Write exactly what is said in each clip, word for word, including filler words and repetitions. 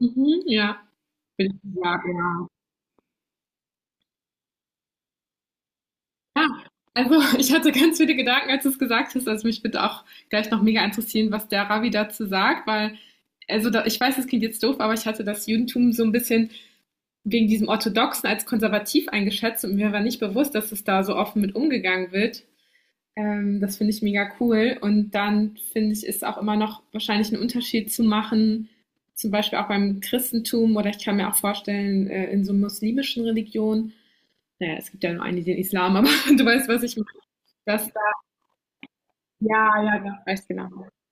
Mhm, ja, würde ich sagen, ja. Genau. Ja, also ich hatte ganz viele Gedanken, als du es gesagt hast. Also mich würde auch gleich noch mega interessieren, was der Ravi dazu sagt, weil, also da, ich weiß, es klingt jetzt doof, aber ich hatte das Judentum so ein bisschen wegen diesem Orthodoxen als konservativ eingeschätzt und mir war nicht bewusst, dass es da so offen mit umgegangen wird. Ähm, das finde ich mega cool. Und dann finde ich, ist auch immer noch wahrscheinlich ein Unterschied zu machen, zum Beispiel auch beim Christentum oder ich kann mir auch vorstellen, äh, in so muslimischen Religionen, naja, es gibt ja nur einen, den Islam, aber du weißt, was ich meine. Dass da, ja, ja, ja, weißt genau.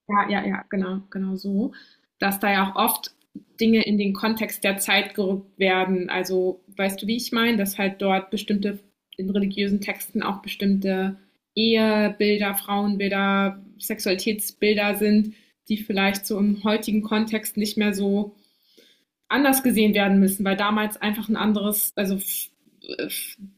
Ja, ja, ja, genau, genau so. Dass da ja auch oft Dinge in den Kontext der Zeit gerückt werden. Also, weißt du, wie ich meine? Dass halt dort bestimmte, in religiösen Texten auch bestimmte Ehebilder, Frauenbilder, Sexualitätsbilder sind, die vielleicht so im heutigen Kontext nicht mehr so anders gesehen werden müssen, weil damals einfach ein anderes, also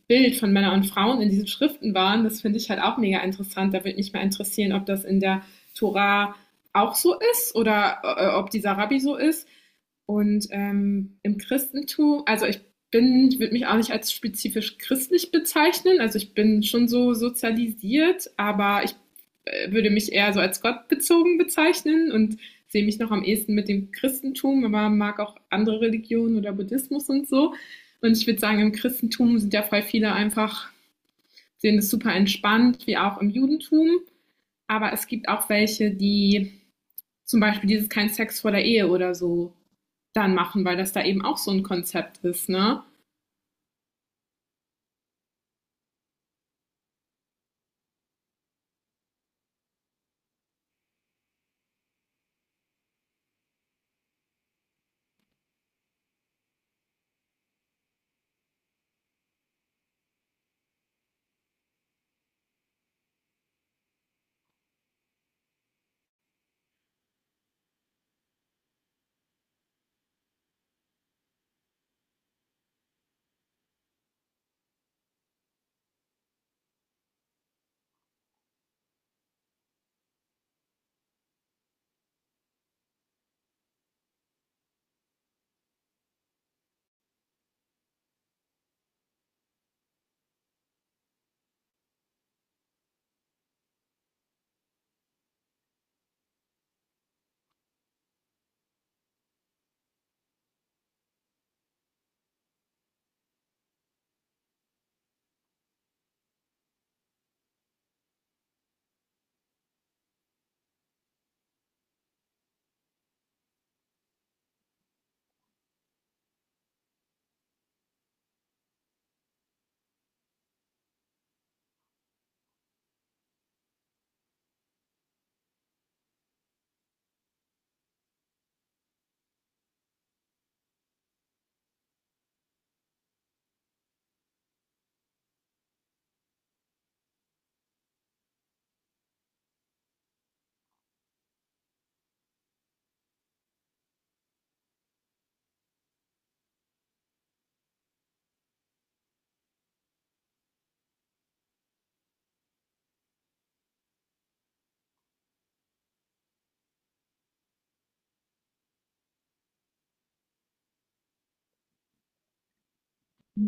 Bild von Männern und Frauen in diesen Schriften waren, das finde ich halt auch mega interessant. Da würde mich mal interessieren, ob das in der Tora auch so ist oder äh, ob dieser Rabbi so ist, und ähm, im Christentum, also ich bin, ich würde mich auch nicht als spezifisch christlich bezeichnen. Also ich bin schon so sozialisiert, aber ich äh, würde mich eher so als gottbezogen bezeichnen und sehe mich noch am ehesten mit dem Christentum, aber mag auch andere Religionen oder Buddhismus und so. Und ich würde sagen, im Christentum sind ja voll viele einfach, sehen es super entspannt, wie auch im Judentum. Aber es gibt auch welche, die zum Beispiel dieses kein Sex vor der Ehe oder so dann machen, weil das da eben auch so ein Konzept ist, ne?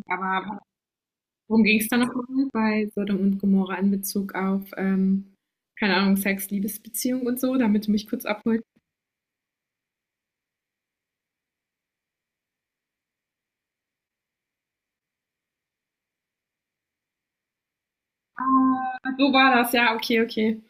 Aber worum ging es da nochmal bei Sodom und Gomorra in Bezug auf, ähm, keine Ahnung, Sex, Liebesbeziehung und so, damit du mich kurz abholst? Ah, so war das, ja, okay, okay.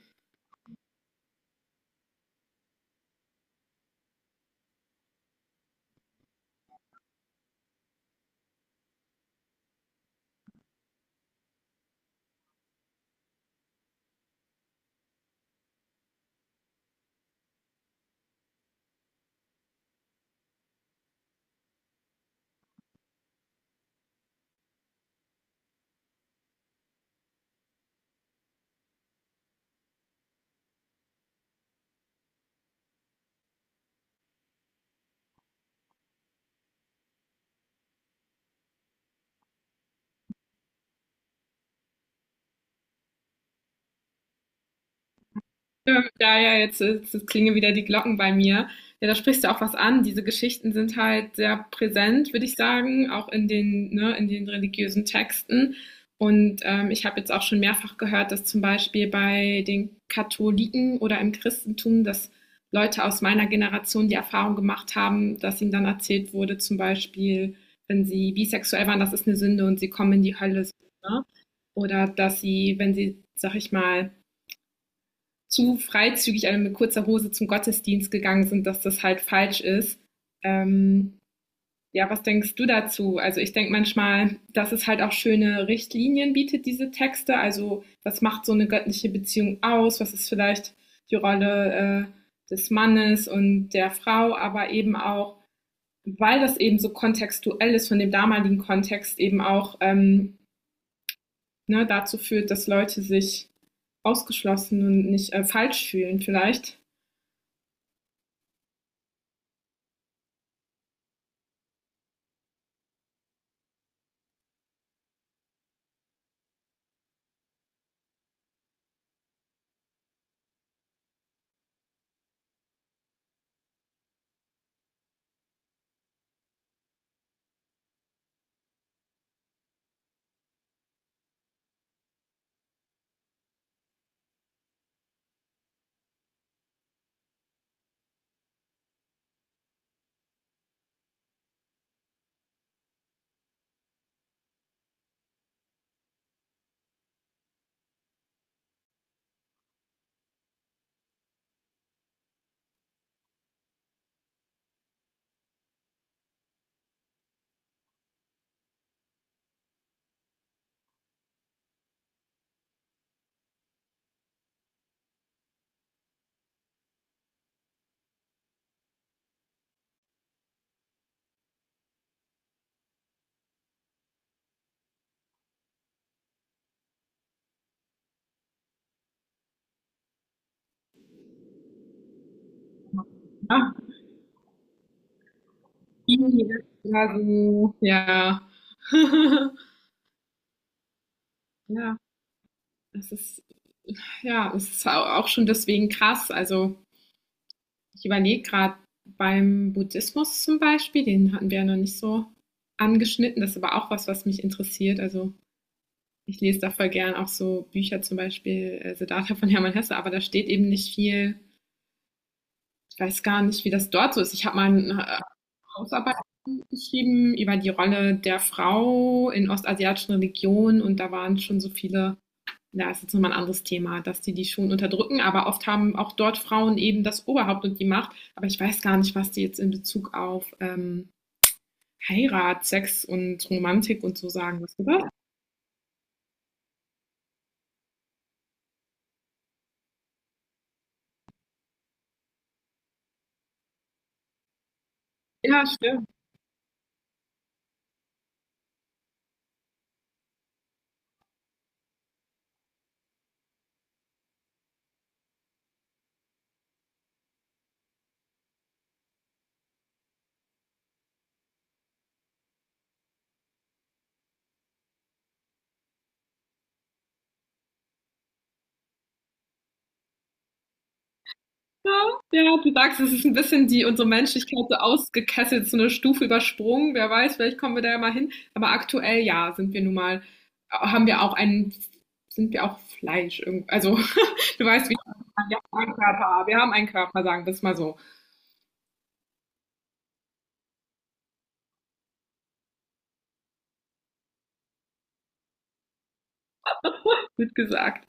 Ja, ja jetzt, jetzt klingen wieder die Glocken bei mir. Ja, da sprichst du auch was an. Diese Geschichten sind halt sehr präsent, würde ich sagen, auch in den, ne, in den religiösen Texten. Und ähm, ich habe jetzt auch schon mehrfach gehört, dass zum Beispiel bei den Katholiken oder im Christentum, dass Leute aus meiner Generation die Erfahrung gemacht haben, dass ihnen dann erzählt wurde, zum Beispiel, wenn sie bisexuell waren, das ist eine Sünde und sie kommen in die Hölle. Ne? Oder dass sie, wenn sie, sag ich mal, zu freizügig alle mit kurzer Hose zum Gottesdienst gegangen sind, dass das halt falsch ist. Ähm, ja, was denkst du dazu? Also ich denke manchmal, dass es halt auch schöne Richtlinien bietet, diese Texte. Also was macht so eine göttliche Beziehung aus? Was ist vielleicht die Rolle äh, des Mannes und der Frau, aber eben auch, weil das eben so kontextuell ist von dem damaligen Kontext, eben auch ähm, ne, dazu führt, dass Leute sich ausgeschlossen und nicht äh, falsch fühlen vielleicht. Ja, ja, so, ja. Ja, das ist ja, es ist au auch schon deswegen krass. Also, ich überlege gerade beim Buddhismus zum Beispiel, den hatten wir ja noch nicht so angeschnitten. Das ist aber auch was, was mich interessiert. Also, ich lese da voll gern auch so Bücher, zum Beispiel äh, Siddhartha von Hermann Hesse, aber da steht eben nicht viel. Ich weiß gar nicht, wie das dort so ist. Ich habe mal eine äh, Hausarbeit geschrieben über die Rolle der Frau in ostasiatischen Religionen und da waren schon so viele, da ist jetzt nochmal ein anderes Thema, dass die die schon unterdrücken, aber oft haben auch dort Frauen eben das Oberhaupt und die Macht. Aber ich weiß gar nicht, was die jetzt in Bezug auf ähm, Heirat, Sex und Romantik und so sagen. Weißt du das? Ja, stimmt. Ja, ja, du sagst, es ist ein bisschen die unsere Menschlichkeit so ausgekesselt, so eine Stufe übersprungen. Wer weiß, vielleicht kommen wir da ja mal hin. Aber aktuell, ja, sind wir nun mal, haben wir auch einen, sind wir auch Fleisch. Irgend- also, du weißt, wie wir haben einen Körper, wir haben einen Körper, sagen wir es mal so. Wird gesagt.